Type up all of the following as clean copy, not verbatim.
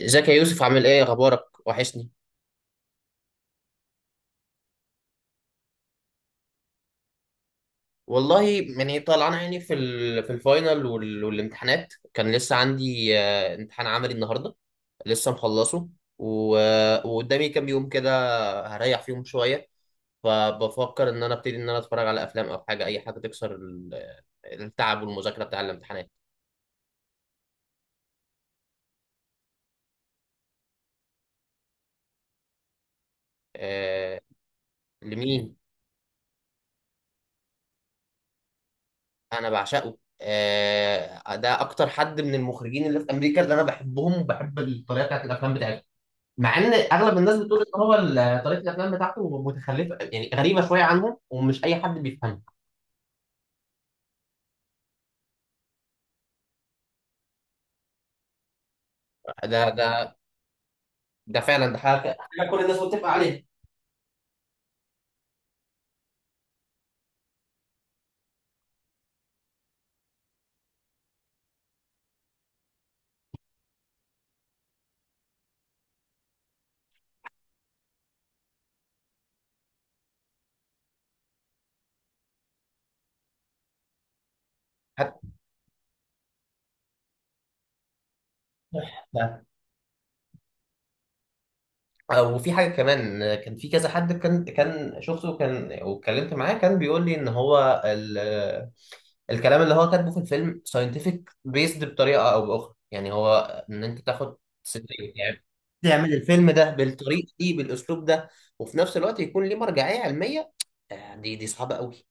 ازيك يا يوسف، عامل ايه؟ اخبارك؟ وحشني والله. يعني طالعان عيني في الفاينل والامتحانات. كان لسه عندي امتحان عملي النهارده، لسه مخلصه وقدامي كام يوم كده، هريح فيهم شويه. فبفكر ان انا ابتدي ان انا اتفرج على افلام او حاجه، اي حاجه تكسر التعب والمذاكره بتاع الامتحانات. آه. لمين؟ انا بعشقه. ده اكتر حد من المخرجين اللي في امريكا اللي انا بحبهم، وبحب الطريقه بتاعت الافلام بتاعتهم، مع ان اغلب الناس بتقول ان هو طريقه الافلام بتاعته متخلفه، يعني غريبه شويه عنهم ومش اي حد بيفهمها. ده ده ده فعلا، ده حاجة كل الناس متفقه عليها. حتى. وفي حاجة كمان، كان في كذا حد، كان شفته، كان واتكلمت معاه، كان بيقول لي ان هو الكلام اللي هو كاتبه في الفيلم ساينتفك بيسد بطريقة او باخرى، يعني هو ان انت تاخد سيناريو، يعني تعمل الفيلم ده بالطريقة دي بالاسلوب ده، وفي نفس الوقت يكون ليه مرجعية علمية. دي صعبة قوي.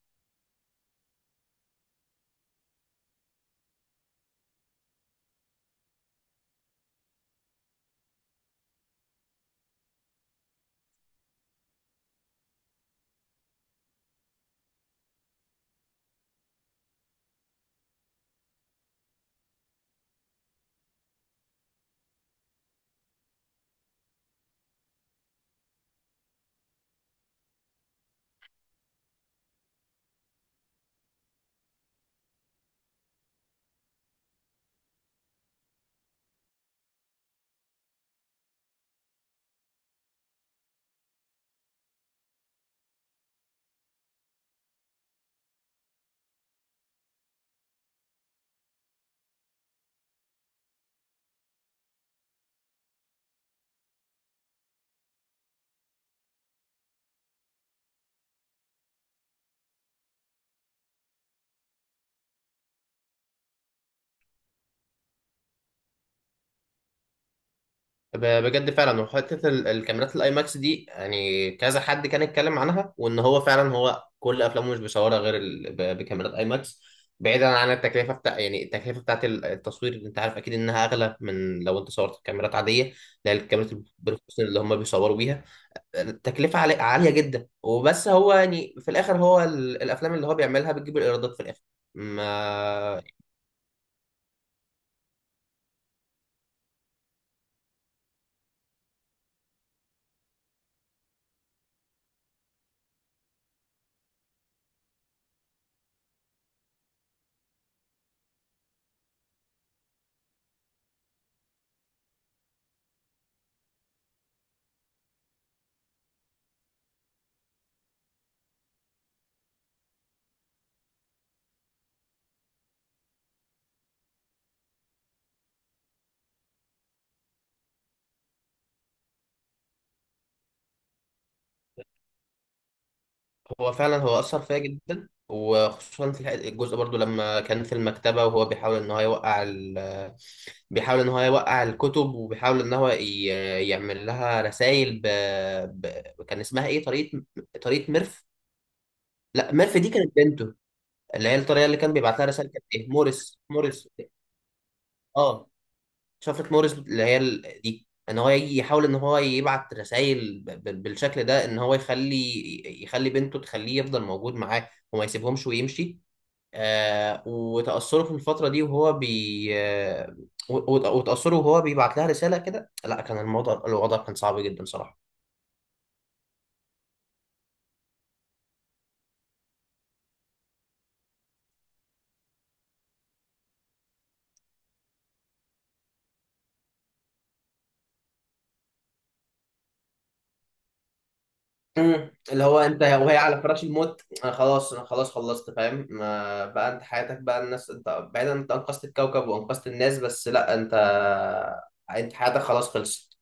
بجد فعلا. وحته الكاميرات الاي ماكس دي يعني كذا حد كان يتكلم عنها، وان هو فعلا هو كل افلامه مش بيصورها غير بكاميرات اي ماكس. بعيدا عن التكلفه يعني التكلفه بتاعت التصوير، انت عارف اكيد انها اغلى من لو انت صورت بكاميرات عاديه، لا الكاميرات البروفيشنال اللي هم بيصوروا بيها. التكلفه عاليه جدا، وبس هو يعني في الاخر هو الافلام اللي هو بيعملها بتجيب الايرادات في الاخر. ما هو فعلا هو أثر فيا جدا، وخصوصا في الجزء برضو لما كان في المكتبة، وهو بيحاول إن هو يوقع ال... بيحاول إن هو يوقع الكتب، وبيحاول إن هو يعمل لها رسائل ب... كان اسمها إيه؟ طريقة ميرف. لا، ميرف دي كانت بنته، اللي هي الطريقة اللي كان بيبعت لها رسائل كانت إيه؟ موريس. آه شفرة موريس، اللي هي دي ان هو يجي يحاول ان هو يبعت رسائل بالشكل ده، ان هو يخلي بنته تخليه يفضل موجود معاه وما يسيبهمش ويمشي. وتأثره في الفترة دي وهو بي آه وتأثره وهو بيبعت لها رسالة كده. لا، كان الوضع كان صعب جدا صراحة. اللي هو انت وهي على فراش الموت، انا خلاص خلصت فاهم، ما بقى انت حياتك بقى الناس، انت بعيدا، انت انقذت الكوكب وانقذت الناس. بس لا، انت انت حياتك خلاص خلصت.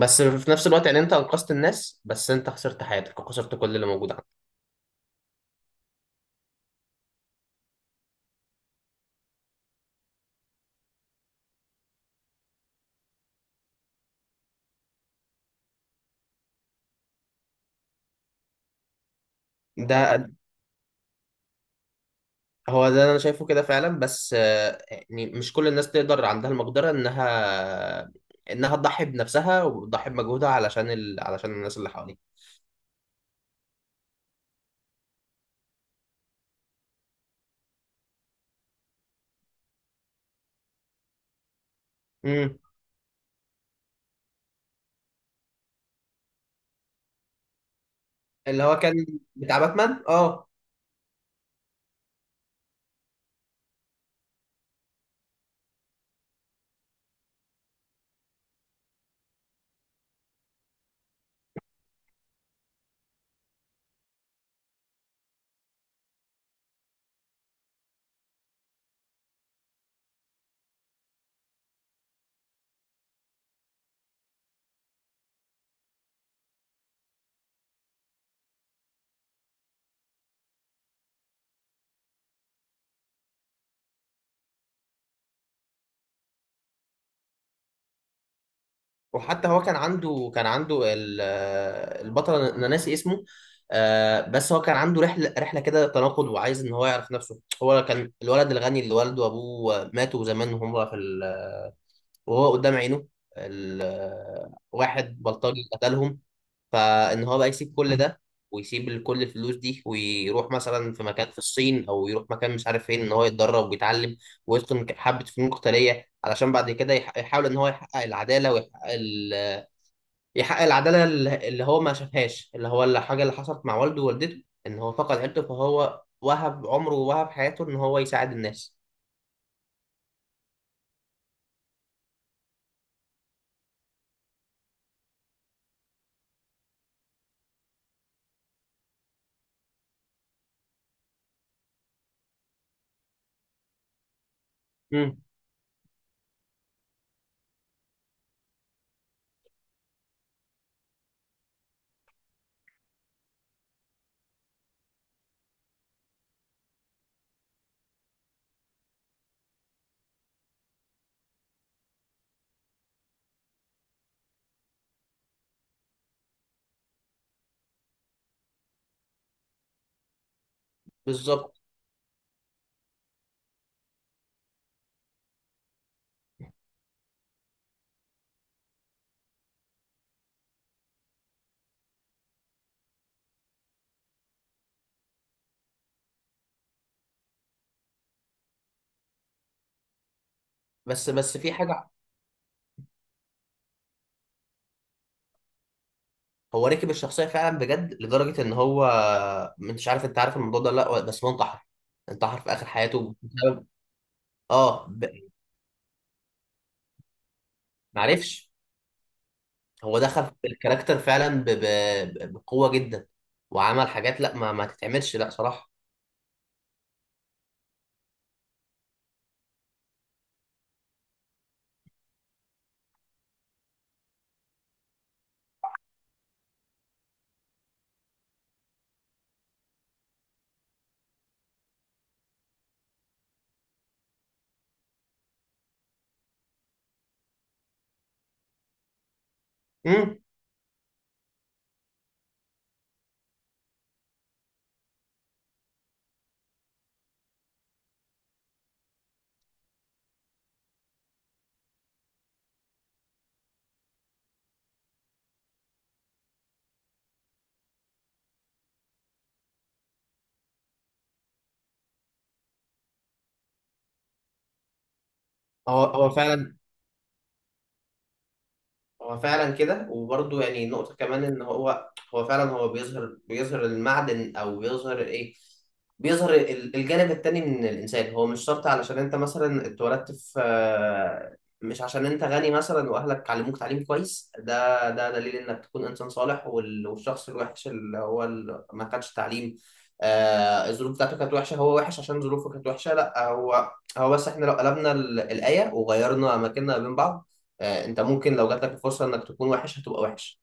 بس في نفس الوقت يعني انت انقذت الناس بس انت خسرت حياتك وخسرت كل اللي موجود عندك. ده هو ده اللي انا شايفه كده فعلا، بس يعني مش كل الناس تقدر، عندها المقدرة انها تضحي بنفسها وتضحي بمجهودها علشان علشان الناس اللي حواليها. امم اللي هو كان بتاع باتمان، اه. وحتى هو كان عنده البطل، انا ناسي اسمه. بس هو كان عنده رحله كده تناقض، وعايز ان هو يعرف نفسه. هو كان الولد الغني اللي والده وابوه ماتوا زمان وهم في ال... آه، وهو قدام عينه ال... آه، واحد بلطجي قتلهم. فان هو بقى يسيب كل ده، ويسيب كل الفلوس دي، ويروح مثلا في مكان في الصين او يروح مكان مش عارف فين، ان هو يتدرب ويتعلم ويتقن حبه فنون قتاليه، علشان بعد كده يحاول ان هو يحقق العداله، ويحقق يحقق العداله اللي هو ما شافهاش، اللي هو الحاجه اللي حصلت مع والده ووالدته، ان هو فقد عيلته، فهو وهب عمره ووهب حياته ان هو يساعد الناس. امم بالظبط. بس في حاجه. هو ركب الشخصيه فعلا بجد لدرجه ان هو، مش عارف انت عارف الموضوع ده ولا لا، بس هو انتحر في اخر حياته بسبب... اه، معرفش. هو دخل في الكاركتر فعلا بقوه جدا، وعمل حاجات، لا، ما تتعملش، لا صراحه. امم هو هو فعلا، هو فعلا كده. وبرضه يعني نقطة كمان إن هو هو فعلا، هو بيظهر المعدن، أو بيظهر إيه؟ بيظهر الجانب التاني من الإنسان. هو مش شرط علشان أنت مثلا اتولدت في مش عشان أنت غني مثلا وأهلك علموك تعليم كويس ده دليل إنك تكون إنسان صالح، والشخص الوحش اللي هو ما خدش تعليم، الظروف بتاعته كانت وحشة، هو وحش عشان ظروفه كانت وحشة. لا، هو بس إحنا لو قلبنا الآية وغيرنا أماكننا بين بعض، انت ممكن لو جات لك الفرصه انك تكون وحش هتبقى وحش.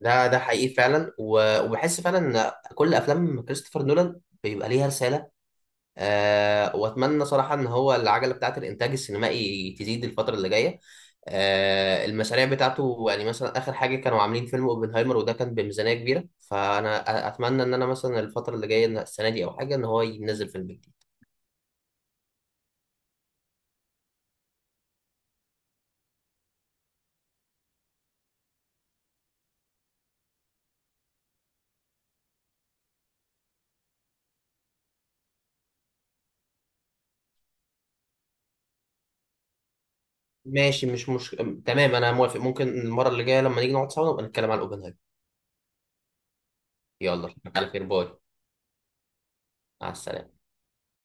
ده حقيقي فعلا، وبحس فعلا ان كل افلام كريستوفر نولان بيبقى ليها رساله. أه، واتمنى صراحه ان هو العجله بتاعه الانتاج السينمائي تزيد الفتره اللي جايه. المشاريع بتاعته يعني مثلا اخر حاجه كانوا عاملين فيلم اوبنهايمر وده كان بميزانيه كبيره، فانا اتمنى ان انا مثلا الفتره اللي جايه، إن السنه دي او حاجه ان هو ينزل فيلم جديد. ماشي، مش تمام، انا موافق. ممكن المره اللي جايه لما نيجي نقعد سوا نبقى نتكلم عن اوبنهايمر. يلا على خير، باي. مع السلامة.